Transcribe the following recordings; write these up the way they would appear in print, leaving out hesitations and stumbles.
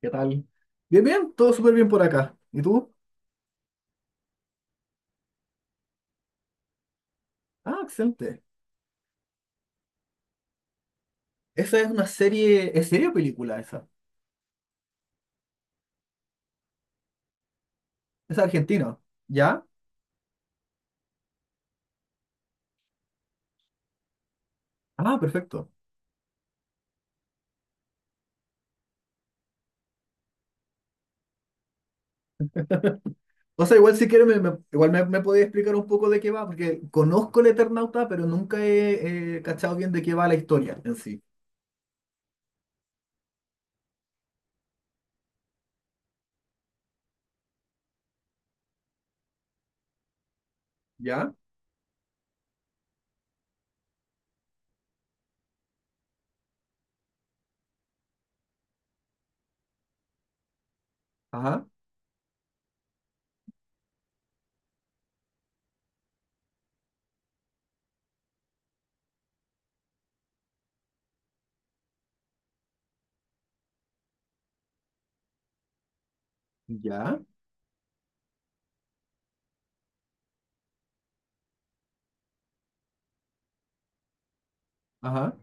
¿Qué tal? Bien, bien, todo súper bien por acá. ¿Y tú? Ah, excelente. Esa es una serie, ¿es serie o película esa? Es argentino, ¿ya? Ah, perfecto. O sea, igual si quieres, me podés explicar un poco de qué va, porque conozco el Eternauta, pero nunca he cachado bien de qué va la historia en sí. ¿Ya? Ajá, ya, ajá.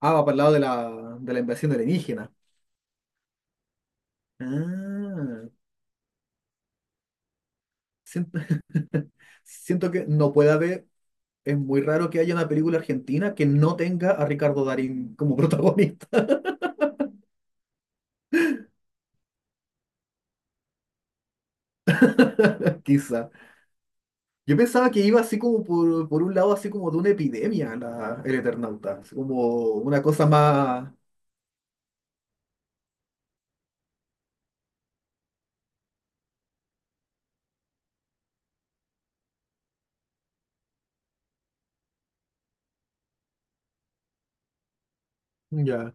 Ah, va para el lado de la invasión alienígena. Ah, siento, siento que no puede haber. Es muy raro que haya una película argentina que no tenga a Ricardo Darín como protagonista, quizá. Yo pensaba que iba así como por un lado, así como de una epidemia el Eternauta, así como una cosa más... Ya.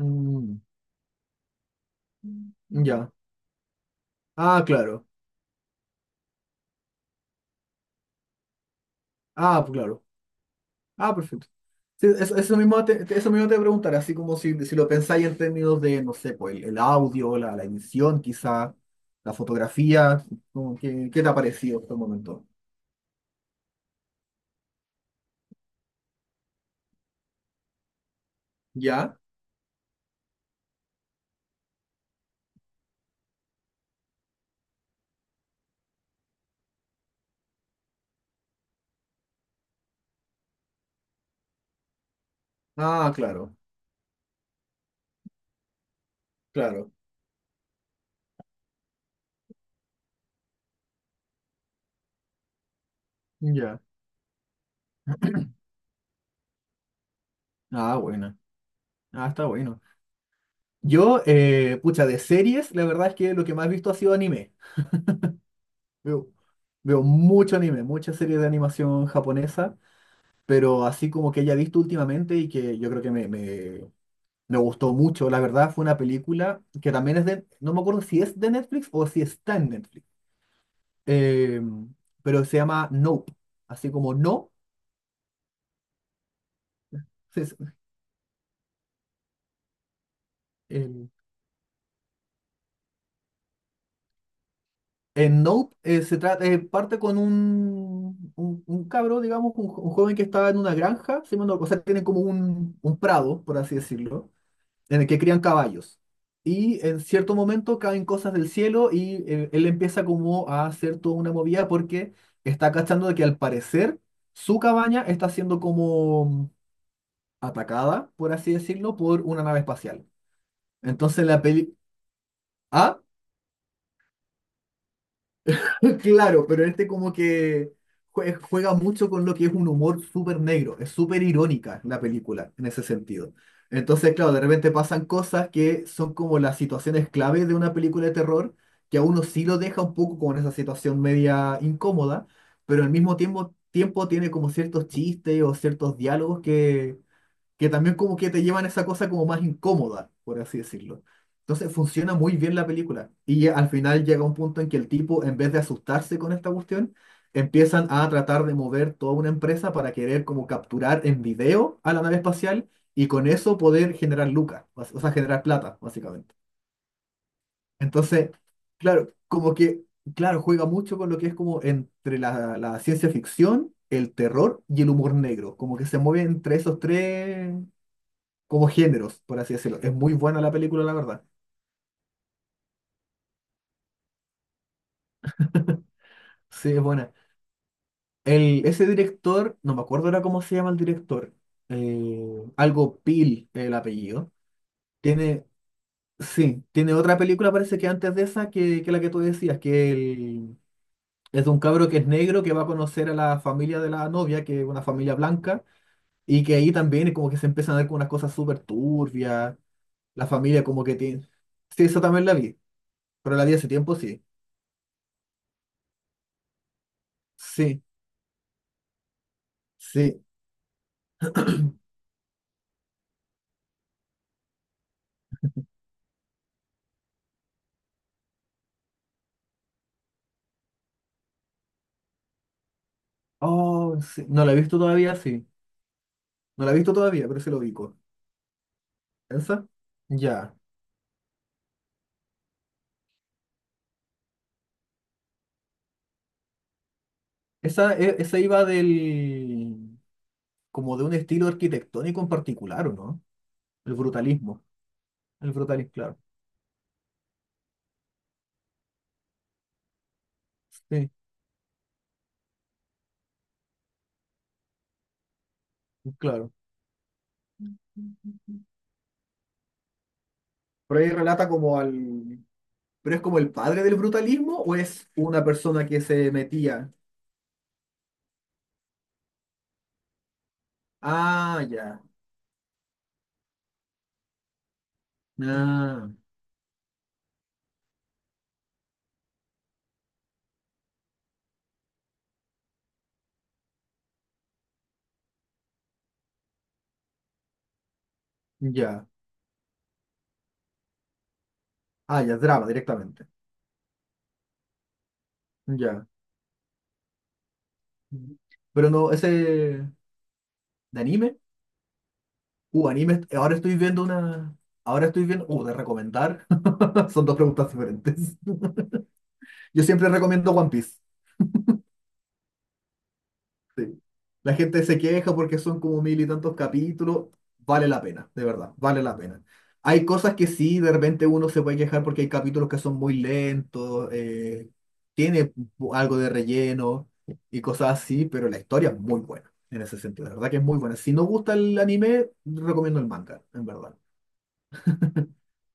Mm, ya. Ah, claro. Ah, pues claro. Ah, perfecto. Sí, eso, eso mismo te voy a preguntar, así como si, si lo pensáis en términos de, no sé, pues el audio, la edición quizá, la fotografía, como que- ¿qué te ha parecido hasta el momento? Ya. Ah, claro, claro. Ya. Ah, buena. Ah, está bueno. Yo, pucha, de series, la verdad es que lo que más he visto ha sido anime. Veo, veo mucho anime, muchas series de animación japonesa, pero así como que haya visto últimamente y que yo creo que me gustó mucho, la verdad, fue una película que también es de, no me acuerdo si es de Netflix o si está en Netflix, eh, pero se llama Nope, así como no, se- el- en Nope se trata, parte con un cabro, digamos, un, un joven que estaba en una granja, si mal no- o sea, tienen como un prado, por así decirlo, en el que crían caballos. Y en cierto momento caen cosas del cielo y él empieza como a hacer toda una movida porque está cachando de que al parecer su cabaña está siendo como atacada, por así decirlo, por una nave espacial. Entonces la peli... ¿Ah? Claro, pero este como que juega mucho con lo que es un humor súper negro, es súper irónica la película en ese sentido. Entonces, claro, de repente pasan cosas que son como las situaciones clave de una película de terror, que a uno sí lo deja un poco como en esa situación media incómoda, pero al mismo tiempo, tiempo tiene como ciertos chistes o ciertos diálogos que también como que te llevan a esa cosa como más incómoda, por así decirlo. Entonces funciona muy bien la película. Y al final llega un punto en que el tipo, en vez de asustarse con esta cuestión, empiezan a tratar de mover toda una empresa para querer como capturar en video a la nave espacial y con eso poder generar lucas, o sea, generar plata, básicamente. Entonces, claro, como que, claro, juega mucho con lo que es como entre la, la ciencia ficción, el terror y el humor negro, como que se mueve entre esos tres, como géneros, por así decirlo. Es muy buena la película, la verdad. Sí, es buena. El, ese director, no me acuerdo ahora cómo se llama el director, algo Pil, el apellido. Tiene, sí, tiene otra película, parece que antes de esa, que la que tú decías, es de un cabro que es negro que va a conocer a la familia de la novia, que es una familia blanca, y que ahí también es como que se empiezan a ver con unas cosas súper turbias, la familia como que tiene... Sí, eso también la vi, pero la vi hace tiempo, sí. Sí, sí. Oh, sí. No la he visto todavía, sí. No la he visto todavía, pero sí lo ubico. ¿Esa? Ya. Esa, esa iba del... como de un estilo arquitectónico en particular, ¿o no? El brutalismo. El brutalismo, claro. Sí, claro. Pero ahí relata como al... ¿Pero es como el padre del brutalismo o es una persona que se metía? Ah, ya. Ah, ya. Ah, ya, drama directamente. Ya. Pero no, ese... ¿De anime? Anime, ahora estoy viendo una. Ahora estoy viendo. De recomendar. Son dos preguntas diferentes. Yo siempre recomiendo One Piece. Sí. La gente se queja porque son como mil y tantos capítulos. Vale la pena, de verdad, vale la pena. Hay cosas que sí, de repente uno se puede quejar porque hay capítulos que son muy lentos, tiene algo de relleno y cosas así, pero la historia es muy buena en ese sentido, de verdad que es muy buena. Si no gusta el anime, recomiendo el manga, en verdad.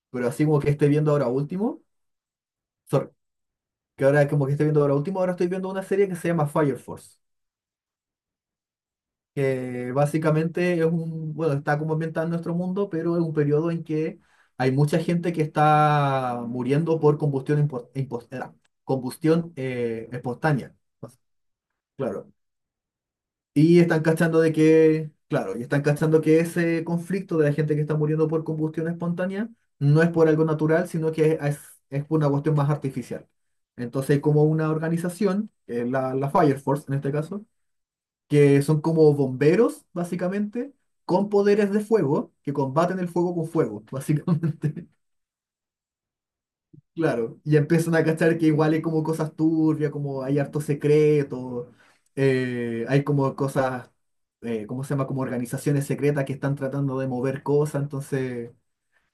Pero así como que esté viendo ahora último. Que ahora como que estoy viendo, ahora último ahora estoy viendo una serie que se llama Fire Force, que básicamente es un, bueno, está como ambientada en nuestro mundo, pero es un periodo en que hay mucha gente que está muriendo por combustión, combustión espontánea. Claro. Y están cachando de que, claro, y están cachando que ese conflicto de la gente que está muriendo por combustión espontánea no es por algo natural, sino que es por una cuestión más artificial. Entonces hay como una organización, que es la, la Fire Force en este caso, que son como bomberos, básicamente, con poderes de fuego, que combaten el fuego con fuego, básicamente. Claro, y empiezan a cachar que igual hay como cosas turbias, como hay harto secreto, hay como cosas, ¿cómo se llama? Como organizaciones secretas que están tratando de mover cosas, entonces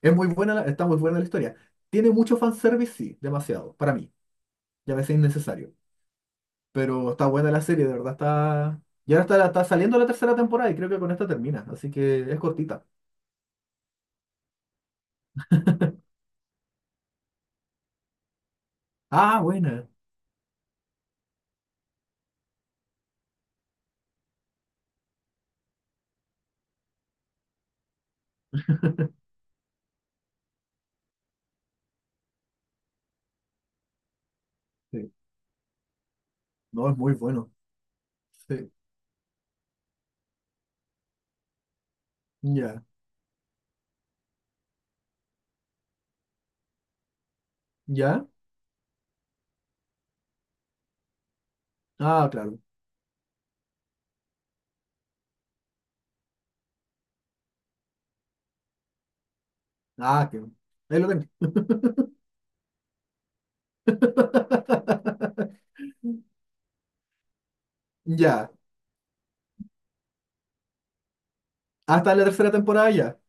es muy buena, está muy buena la historia. Tiene mucho fanservice, sí, demasiado, para mí, y a veces innecesario, pero está buena la serie, de verdad está... Y ahora está, está saliendo la tercera temporada y creo que con esta termina, así que es cortita. Ah, buena. Sí. No, es muy bueno. Sí, ya, ya. Ah, claro. Ah, qué bueno. Ahí lo tengo. Ya. Hasta la tercera temporada ya.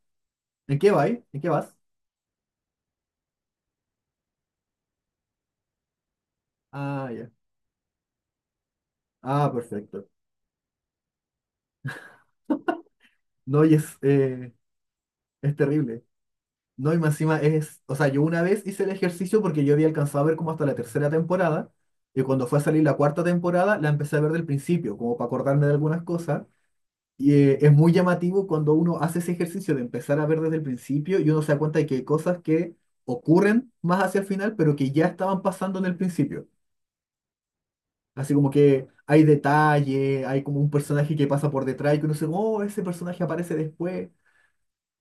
¿En qué va ahí? ¿En qué vas? Ah, ya. Ah, perfecto. No, y es terrible. No, y más encima es. O sea, yo una vez hice el ejercicio porque yo había alcanzado a ver como hasta la tercera temporada. Y cuando fue a salir la cuarta temporada, la empecé a ver del principio, como para acordarme de algunas cosas. Y es muy llamativo cuando uno hace ese ejercicio de empezar a ver desde el principio y uno se da cuenta de que hay cosas que ocurren más hacia el final, pero que ya estaban pasando en el principio. Así como que hay detalle, hay como un personaje que pasa por detrás y que uno dice, oh, ese personaje aparece después.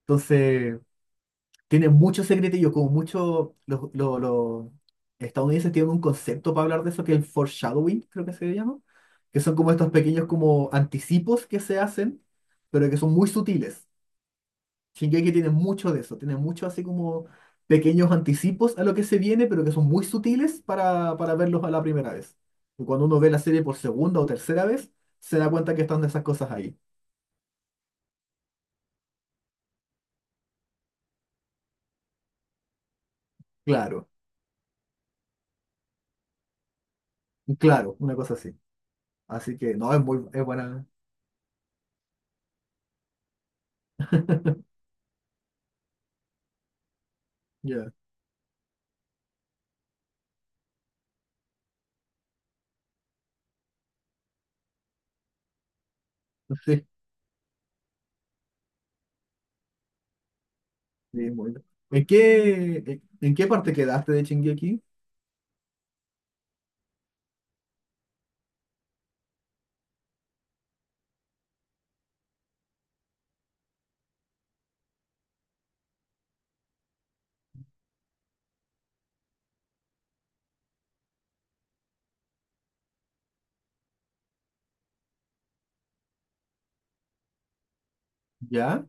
Entonces, tiene muchos secretillos como mucho... Los estadounidenses tienen un concepto para hablar de eso que es el foreshadowing, creo que se llama, que son como estos pequeños como anticipos que se hacen, pero que son muy sutiles. Shingeki tiene mucho de eso, tiene mucho así como pequeños anticipos a lo que se viene, pero que son muy sutiles para verlos a la primera vez. Y cuando uno ve la serie por segunda o tercera vez, se da cuenta que están esas cosas ahí. Claro, claro, una cosa así. Así que no, es muy es buena. Ya, sí, sí, es muy buena. En qué parte quedaste de Shingeki? Ya,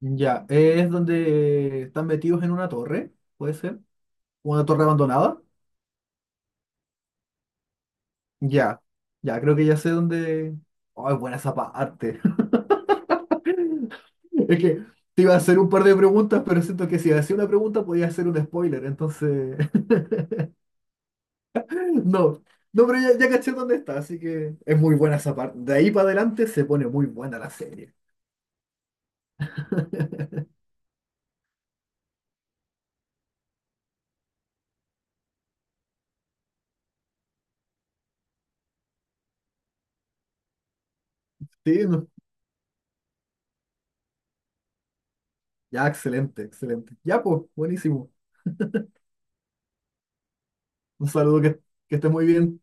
ya. ¿Es donde están metidos en una torre? ¿Puede ser? ¿Una torre abandonada? Ya, ya, creo que ya sé dónde. Oh, es buena esa parte. Es que te iba a hacer un par de preguntas, pero siento que si hacía una pregunta podía hacer un spoiler, entonces. No, no, pero ya, ya caché dónde está, así que es muy buena esa parte. De ahí para adelante se pone muy buena la serie. Sí, no. Ya, excelente, excelente. Ya, pues, buenísimo. Un saludo, que estés muy bien.